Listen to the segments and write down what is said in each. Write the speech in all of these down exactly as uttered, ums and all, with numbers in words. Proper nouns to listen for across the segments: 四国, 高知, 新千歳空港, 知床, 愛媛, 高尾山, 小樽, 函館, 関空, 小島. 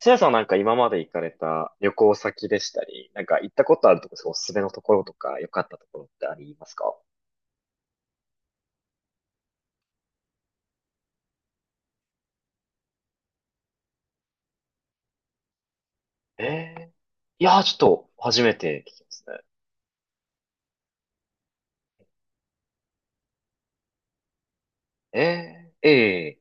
せやさんはなんか今まで行かれた旅行先でしたり、なんか行ったことあるとこ、そうおすすめのところとか、良かったところってありますか？ええ。いやー、ちょっと初めて聞きますね。えー、え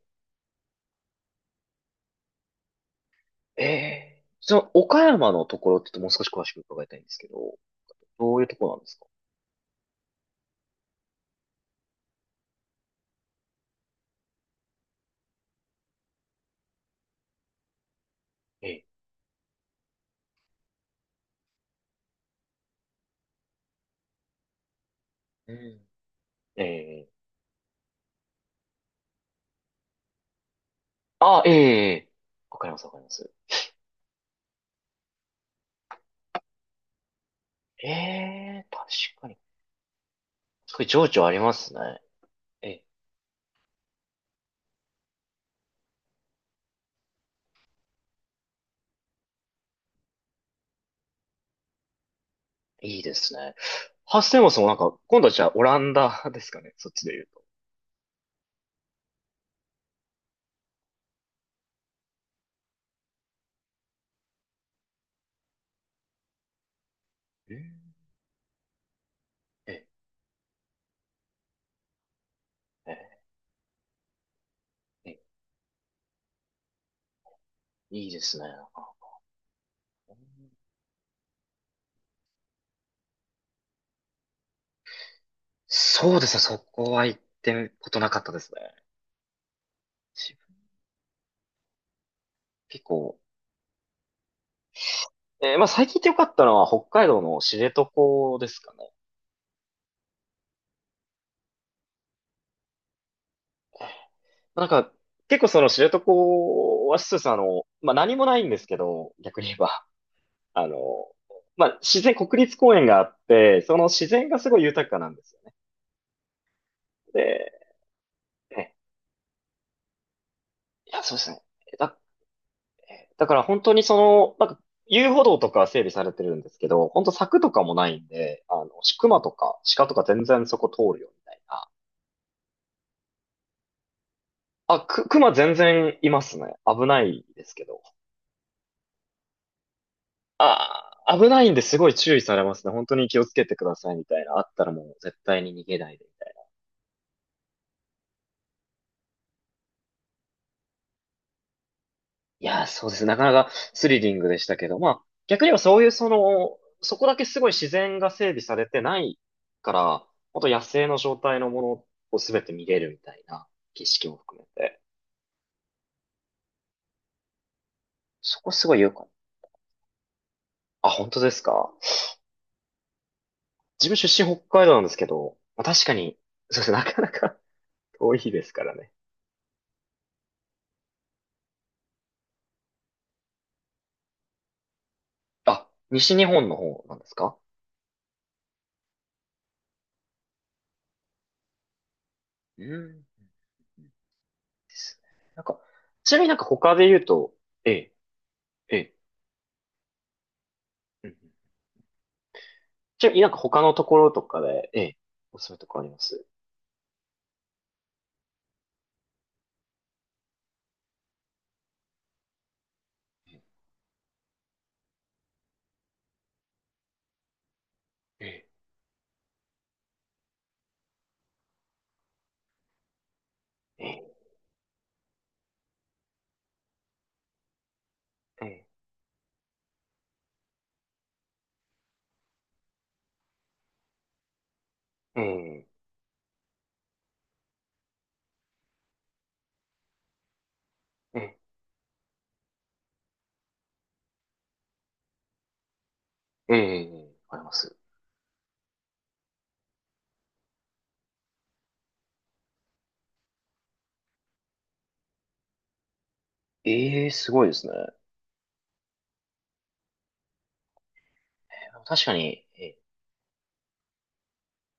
ー、ええ、その岡山のところってちょっともう少し詳しく伺いたいんですけど、どういうところなんですか？ええ。うん。ええ。あ、ええ、わかります、わかります。ええ、確かに。すごい情緒ありますね。えいいですね。ハッセンボスもなんか、今度はじゃあオランダですかね、そっちで言うと。ええ。ええ。ええ、いいですね。なんか、そうですね。そこは行ってことなかったですね。自分、結構。えーまあ最近行ってよかったのは北海道の知床ですかね。なんか、結構その知床はそうです。あの、まあ何もないんですけど、逆に言えば。あの、まあ自然、国立公園があって、その自然がすごい豊かなんですよね。で、えいや、そうですね。だだから本当にその、なんか遊歩道とかは整備されてるんですけど、本当柵とかもないんで、あの、熊とか鹿とか全然そこ通るよみたいな。あ、く、熊全然いますね。危ないですけど。あー、危ないんですごい注意されますね。本当に気をつけてくださいみたいな。あったらもう絶対に逃げないで。いやー、そうです。なかなかスリリングでしたけど、まあ、逆にはそういうその、そこだけすごい自然が整備されてないから、本当野生の状態のものをすべて見れるみたいな、景色も含めて、そこすごい良かった。あ、本当ですか？自分出身北海道なんですけど、まあ、確かに、そうですね、なかなか 遠いですからね。あ、西日本の方なんですか？うん。ですね。なんか、ちなみになんか他で言うと、ええ、ええ。うん、うん。ちなみになんか他のところとかで、ええ、おすすめとかあります？ええ。ええ、ええ、ええ、ええ、ええ、あります。ええ、すごいですね。確かに、え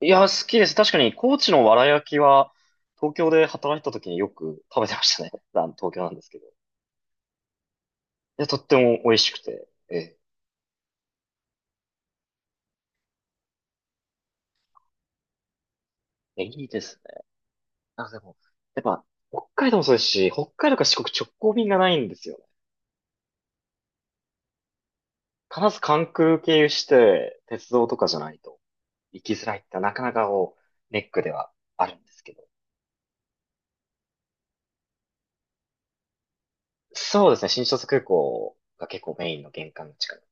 え、いや、好きです。確かに、高知のわら焼きは、東京で働いてた時によく食べてましたね。あの東京なんですけど。いや、とっても美味しくて、ええ、えいいですね。あ、でも、やっぱ、北海道もそうですし、北海道から四国直行便がないんですよね。必ず関空経由して、鉄道とかじゃないと。行きづらいってなかなかこう、ネックではあるんですけど。そうですね、新千歳空港が結構メインの玄関の近く。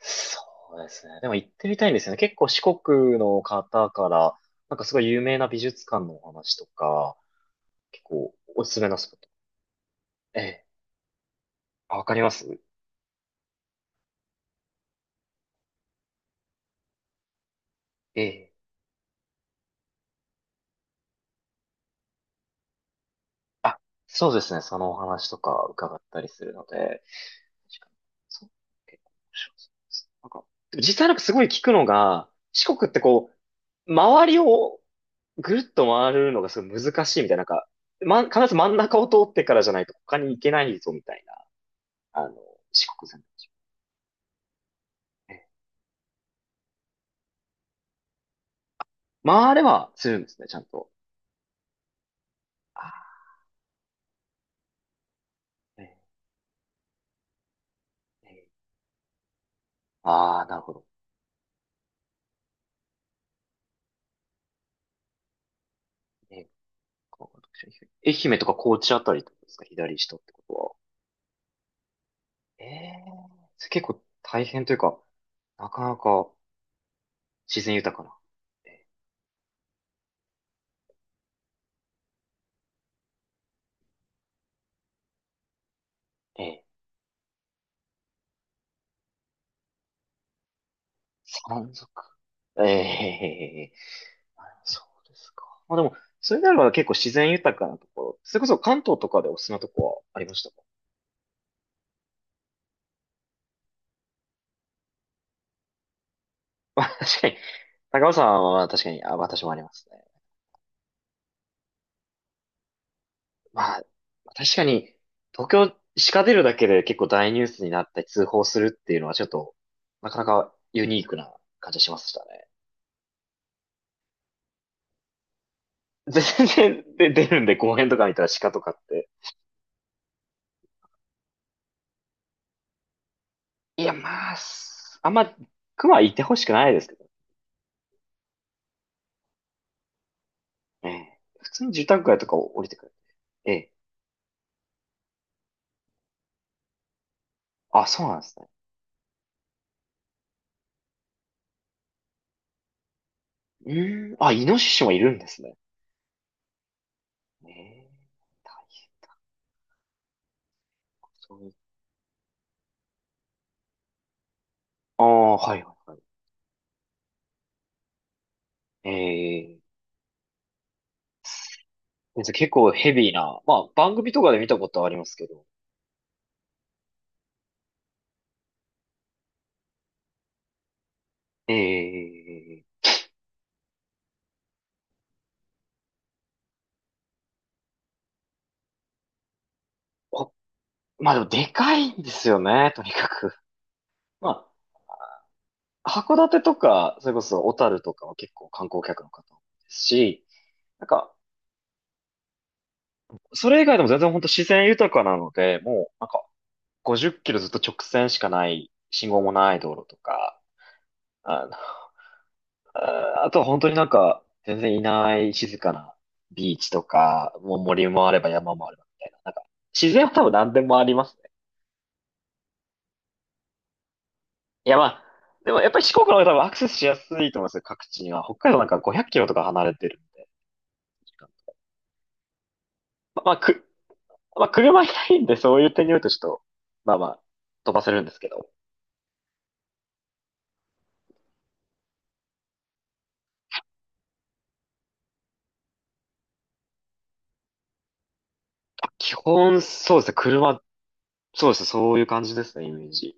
そうですね。でも行ってみたいんですよね。結構四国の方から、なんかすごい有名な美術館のお話とか、結構おすすめのスポット。ええ。あ、わかります？ええ。そうですね、そのお話とか伺ったりするので。確かに。そう、結構面白そうです。なんか、でも実際なんかすごい聞くのが、四国ってこう、周りをぐるっと回るのがすごい難しいみたいな、なんか、ま、必ず真ん中を通ってからじゃないと他に行けないぞみたいな、あの、四国線なんでしょうね。回ればするんですね、ちゃんと。あー、えーえーあーなるほど。えーこう、愛媛とか高知あたりってことですか、左下ってことは。ええ、それ結構大変というか、なかなか自然豊かな。えー、えー山賊。ええ。そうですか。まあでも、それならば結構自然豊かなところ。それこそ関東とかでおすすめなとこはありましたか？まあ 確かに、高尾山は確かに、あ、私もありますね。まあ、確かに、東京、鹿出るだけで結構大ニュースになったり通報するっていうのはちょっと、なかなかユニークな感じしましたね。で、全然で出るんで、公園とか見たら鹿とかって。いや、まあ、すあんま、熊はいてほしくないですけどね。普通に住宅街とかを降りてくる。ええ。あ、そうなんですね。うーん。あ、イノシシもいるんですね。ええ、大変だ。そういう。ああ、はいはいはい。ええー。じゃあ結構ヘビーな。まあ、番組とかで見たことはありますけど。ええ。こ、まあでもでかいんですよね、とにかく。まあ、函館とか、それこそ小樽とかは結構観光客の方多いですし、なんか、それ以外でも全然本当自然豊かなので、もう、なんか、ごじゅっキロずっと直線しかない、信号もない道路とか、あの、ああ、とは本当になんか、全然いない静かなビーチとか、もう森もあれば山もあればみたいな。なんか、自然は多分何でもありますね。いやまあ、でもやっぱり四国の方が多分アクセスしやすいと思いますよ、各地には。北海道なんかごひゃっキロとか離れてるんで。まあ、まあく、まあ、車いないんで、そういう点によるとちょっと、まあまあ、飛ばせるんですけど。基本、そうですね、車、そうですね、そういう感じですね、イメージ。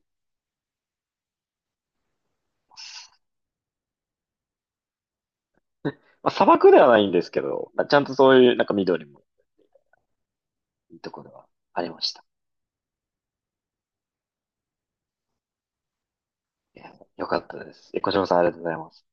まあ、砂漠ではないんですけど、まあ、ちゃんとそういう、なんか緑もいいところがありました。いや、よかったです。え、小島さんありがとうございます。